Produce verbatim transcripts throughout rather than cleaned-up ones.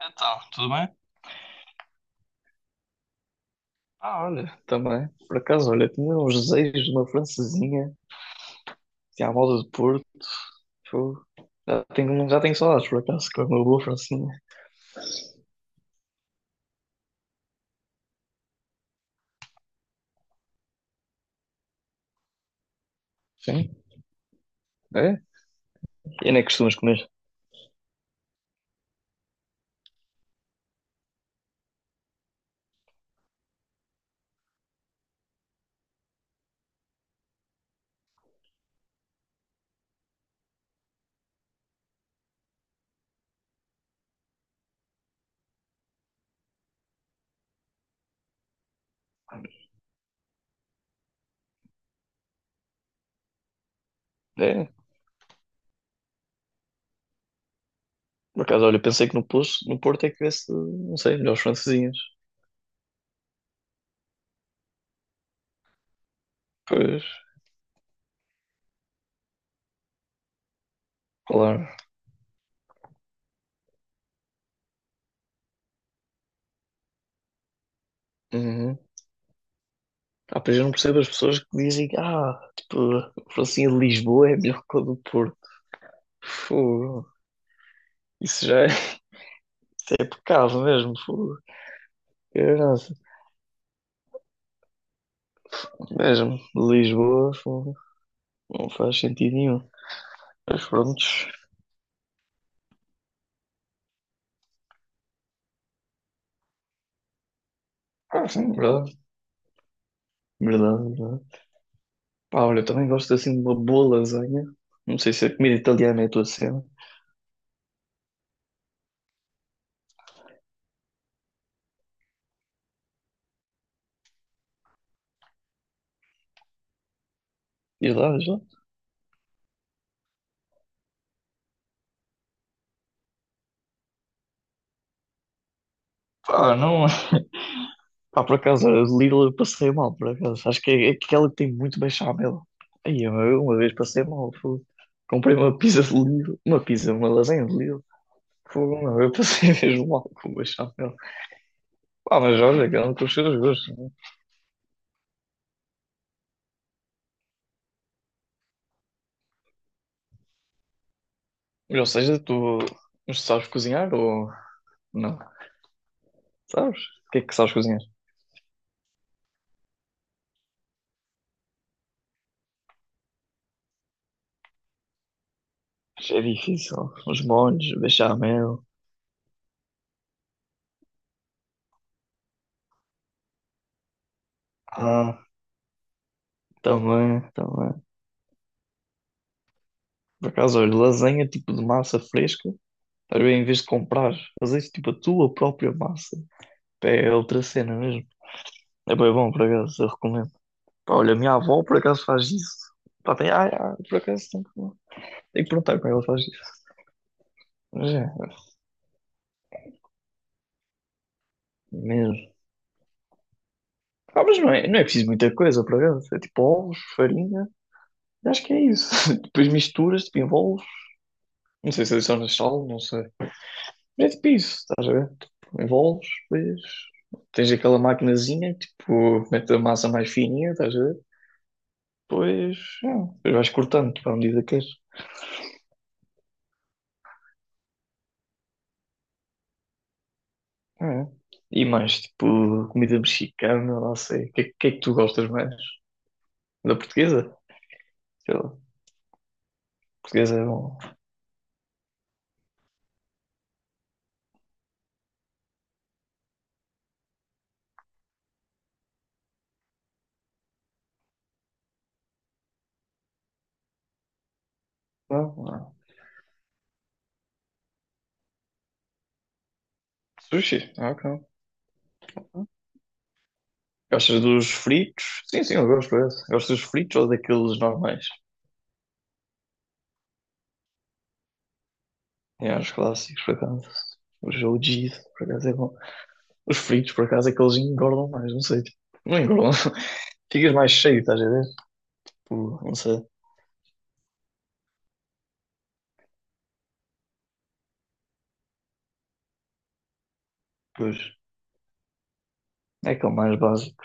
Então, tudo bem? Ah, olha, também. Por acaso, olha, tinha uns desejos de uma francesinha, tinha a moda do Porto. Fogo. Já tenho, já tenho saudades, por acaso, com uma boa francesinha. Sim, é? E nem costumas comer. É? Por acaso, olha, pensei que no Porto, no Porto é que tivesse, não sei, melhores francesinhas. Pois, claro. Uhum. Ah, pois eu não percebo as pessoas que dizem, ah, tipo, a francesinha de Lisboa é melhor que a do Porto. Fogo. Isso já é, isso é pecado mesmo, fogo. Mesmo, Lisboa fogo, não faz sentido nenhum. Mas prontos. Ah, sim, verdade, verdade, verdade. Pá, olha, eu também gosto assim de uma boa lasanha. Não sei se a comida italiana é a tua cena. Diz lá, diz Pá, não. É. Pá, por acaso, a Lidl eu passei mal, por acaso. Acho que é aquela que tem muito bem chamelo. Aí, eu eu uma vez passei mal, fogo. Comprei uma pizza de Lidl. Uma pizza, uma lasanha de Lidl. Fogo, não, eu passei mesmo mal com o bechamel. Pá, mas olha, cada um com os seus gostos. Ou seja, tu sabes cozinhar ou não? Sabes? O que é que sabes cozinhar? É difícil. Os molhos, bechamel. Ah, também, também. Por acaso, olha, lasanha tipo de massa fresca. Às vezes, em vez de comprar, fazes tipo a tua própria massa. Pá, é outra cena mesmo. É bem bom, por acaso, eu recomendo. Pá, olha, a minha avó por acaso faz isso. Pá, tem, ah, ah, por acaso tem que, tem que perguntar como ela faz isso. Mas é, mesmo. Ah, mas não é, não é preciso muita coisa, por acaso. É tipo ovos, farinha. Eu acho que é isso. Depois misturas, tipo, envolves. Não sei se adicionas sal, não sei. É tipo isso, estás a ver? Tipo, envolves, depois tens aquela maquinazinha, tipo, mete a massa mais fininha, estás a ver? Depois, é, depois vais cortando, tipo, à medida que queres. É. E mais, tipo, comida mexicana, não sei. O que, é que é que tu gostas mais? Da portuguesa? Sei lá. Portuguesa é bom. Não, não. É. Sushi, ah, ok. Gostas dos fritos? Sim, sim, eu gosto, é. Gostas dos fritos ou daqueles normais? É, os clássicos, por acaso. Os, o jogo de por acaso é bom. Os fritos, por acaso, é que eles engordam mais, não sei. Tipo, não engordam. Ficas mais cheio, estás a ver? Tipo, não sei. Pois. É que é o mais básico.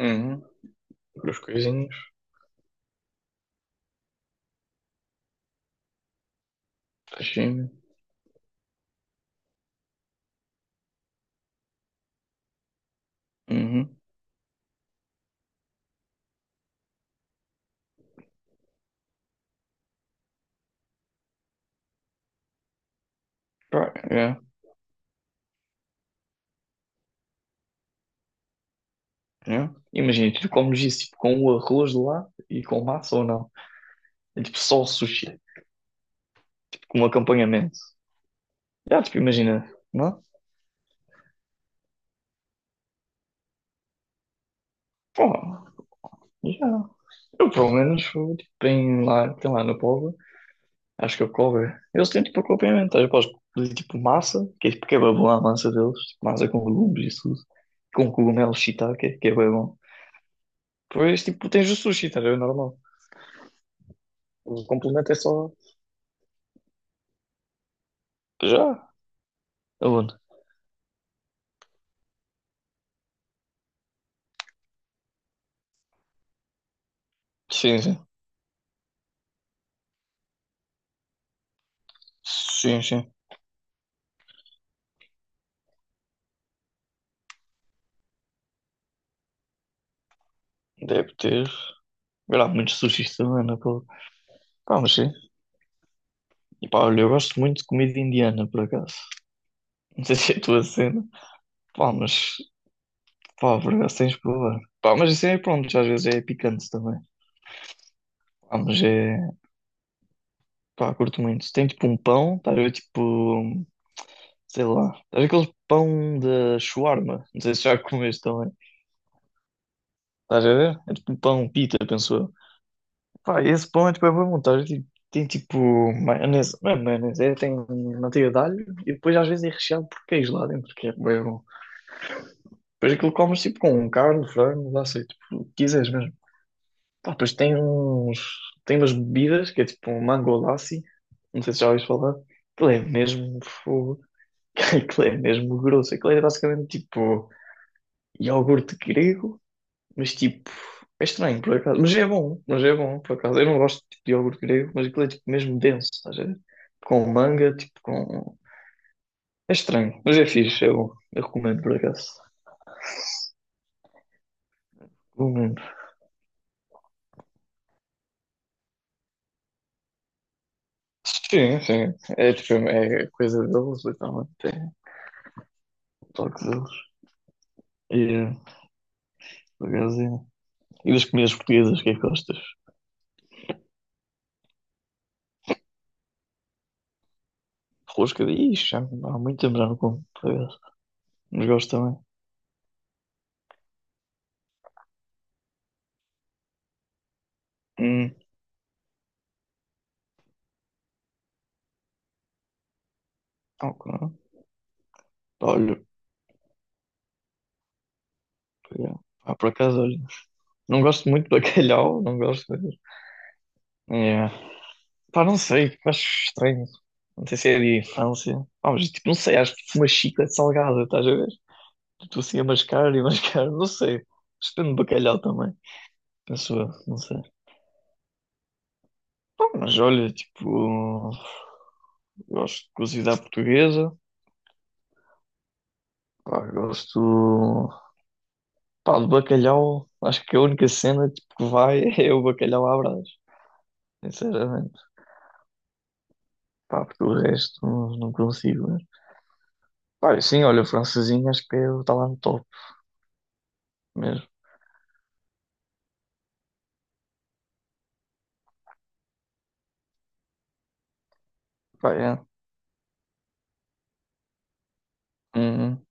Uhum. Os coisinhos, peixinho. Uhum. Pá, é, é. Imagina, tu comes isso tipo, com o arroz de lá e com massa ou não. É tipo só o sushi, tipo, com um acompanhamento. Já, tipo, imagina, não? Pô, já. Eu pelo menos fui tipo, em lá, tem lá no povo. Acho que é o Kobe. Eles têm tipo acompanhamento. Tá? Eu posso pedir tipo massa, que é tipo que é bué bom a massa deles. Tipo, massa com legumes e tudo. Com cogumelos shiitake, que é bem bom. Depois tipo tens o sushi, tá a ver? É normal. O complemento é só. Já? Aonde? Sim, sim. Sim, sim. Deve ter. Há muitos sushis também, não é? Pô? Pá, mas sim. E pá, olha, eu gosto muito de comida indiana, por acaso. Não sei se é a tua cena. Pá, mas. Pá, por acaso tens de provar. Pá, mas isso aí, pronto, às vezes é picante também. Pá, mas é. Pá, curto muito. Tem tipo um pão, estás a ver tipo, sei lá, estás a ver aquele pão da shawarma, não sei se já comeste também. Estás a ver? É tipo um pão pita, penso eu. Pá, esse pão é tipo, é bem bom, estás a ver? Tipo, tem tipo maionese, não é maionese, é, tem manteiga de alho e depois às vezes é recheado por queijo lá dentro, que é bem bom. Depois aquilo comes tipo com carne, frango, lá sei, tipo, o que quiseres mesmo. Pá, depois tem uns, tem umas bebidas que é tipo um mango lassi, não sei se já ouviste falar. Aquilo é mesmo fogo. Aquilo é mesmo grosso. Aquilo é basicamente tipo iogurte grego, mas tipo. É estranho, por acaso. Mas é bom, mas é bom, por acaso. Eu não gosto tipo, de iogurte grego, mas aquilo é tipo mesmo denso, estás a ver? Com manga, tipo com. É estranho, mas é fixe, é bom. Eu recomendo, por acaso. Recomendo. Sim, sim. É tipo, é coisa deles, literalmente. É toque deles. E, é, por acaso, é. E das comidas portuguesas, o que é que gostas? Rosca de. Ixi, já há muito tempo já não como, por acaso. Mas gosto também. Hum. Ok. Olho, yeah. Ah, por acaso, olha. Não gosto muito de bacalhau, não gosto mesmo. Yeah. Pá, não sei, acho estranho. Não sei se é de infância. Pá, mas tipo, não sei, acho tipo uma chiclete salgada, estás a ver? Tipo assim a mascar e mascar, não sei. Depende do bacalhau também. Penso eu, não sei. Pá, mas olha, tipo, gosto de cozida portuguesa. Pá, gosto. Pá, de bacalhau. Acho que a única cena tipo, que vai é o bacalhau à Brás, sinceramente. Pá, porque o resto não consigo. Né? Pá, sim, olha, o francesinho acho que está lá no top mesmo. Pá, é. Uhum.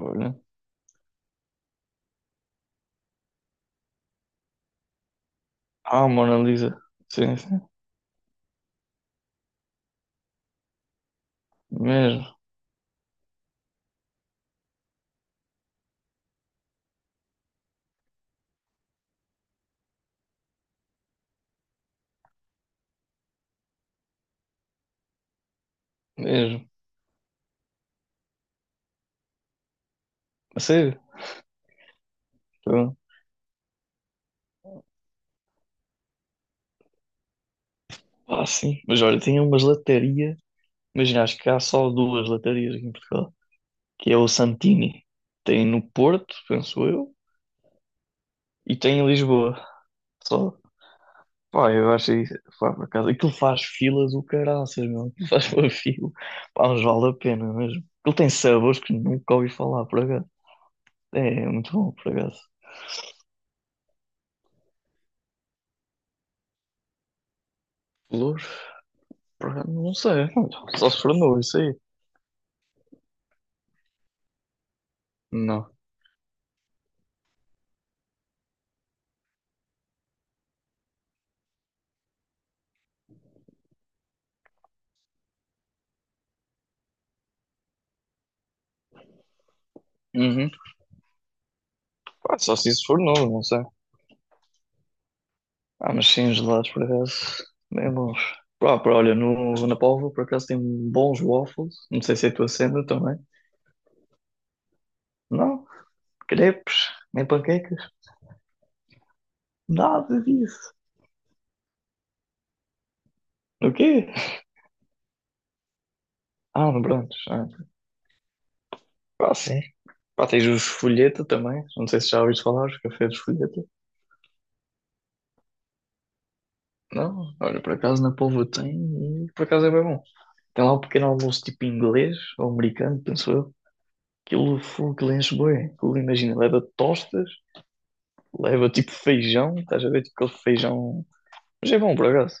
Olha. Ah, Mona Lisa. Sim, sim. Mesmo, mesmo. A sério? Então, ah, sim. Mas olha, tinha umas latarias. Imagina, acho que há só duas latarias aqui em Portugal. Que é o Santini. Tem no Porto, penso eu. E tem em Lisboa. Só. Pá, eu acho isso. Pá, por acaso. Aquilo faz fila do caraças, meu. Aquilo faz uma fila. Pá, mas vale a pena mesmo. Aquilo tem sabores que nunca ouvi falar, por acaso. É, muito bom, por acaso. Flor? Por acaso, não sei. Só se for novo, isso aí. Não. Uhum. Pá, só se isso for novo, não sei. Ah, mas sim, os gelados, por acaso, bem bons. Pá, pá, olha, no, na Póvoa, por acaso, tem bons waffles. Não sei se é a tua cena também. Não? Crepes? Nem panquecas? Nada disso. O quê? Ah, no Brandos. Ah, então. Pá, sim. Pá, tens os folheta também. Não sei se já ouviste falar, os cafés de folheta. Não? Olha, por acaso, na Póvoa tem e por acaso é bem bom. Tem lá um pequeno almoço tipo inglês ou americano, penso eu. Aquilo, fu, aquilo enche bué. Aquilo, imagina, leva tostas, leva tipo feijão, estás a ver? Tipo aquele feijão. Mas é bom, por acaso.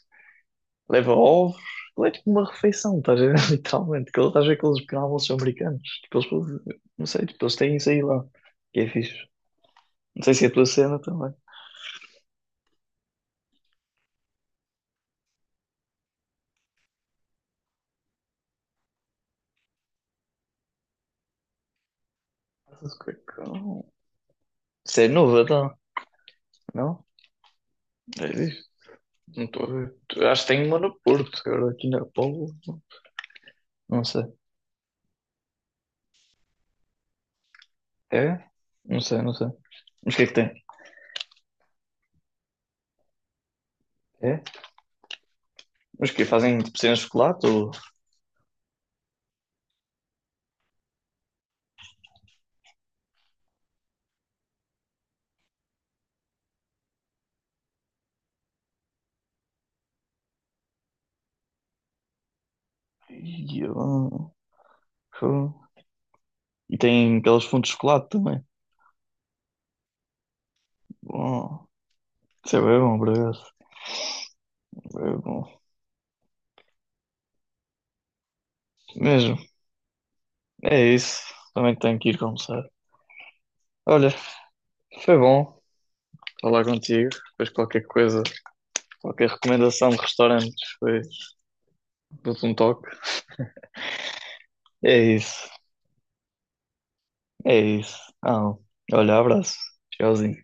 Leva ovos, aquilo é tipo uma refeição, estás a ver? Literalmente. Aquilo, estás a ver aqueles pequenos almoços americanos. Tipo, eles, não sei, tipo, eles têm isso aí lá. Que é fixe. Não sei se é a tua cena também. Mas o que é que- Isso é novo, então, não? É isso. Não estou a ver. Acho que tem uma no Porto, agora aqui na Póvoa. Não sei. É? Não sei, não sei. Mas o que é que tem? É? Mas o que fazem tipo cenas de chocolate ou. Ih, ah, fogo. E tem aqueles fundos de chocolate também. Bom, isso é bem bom, por acaso. É bom. Mesmo. É isso. Também tenho que ir almoçar. Olha, foi bom falar contigo. Depois qualquer coisa, qualquer recomendação de restaurantes, depois dou-te um toque. É isso. É isso. Ah, olha, abraço. Tchauzinho.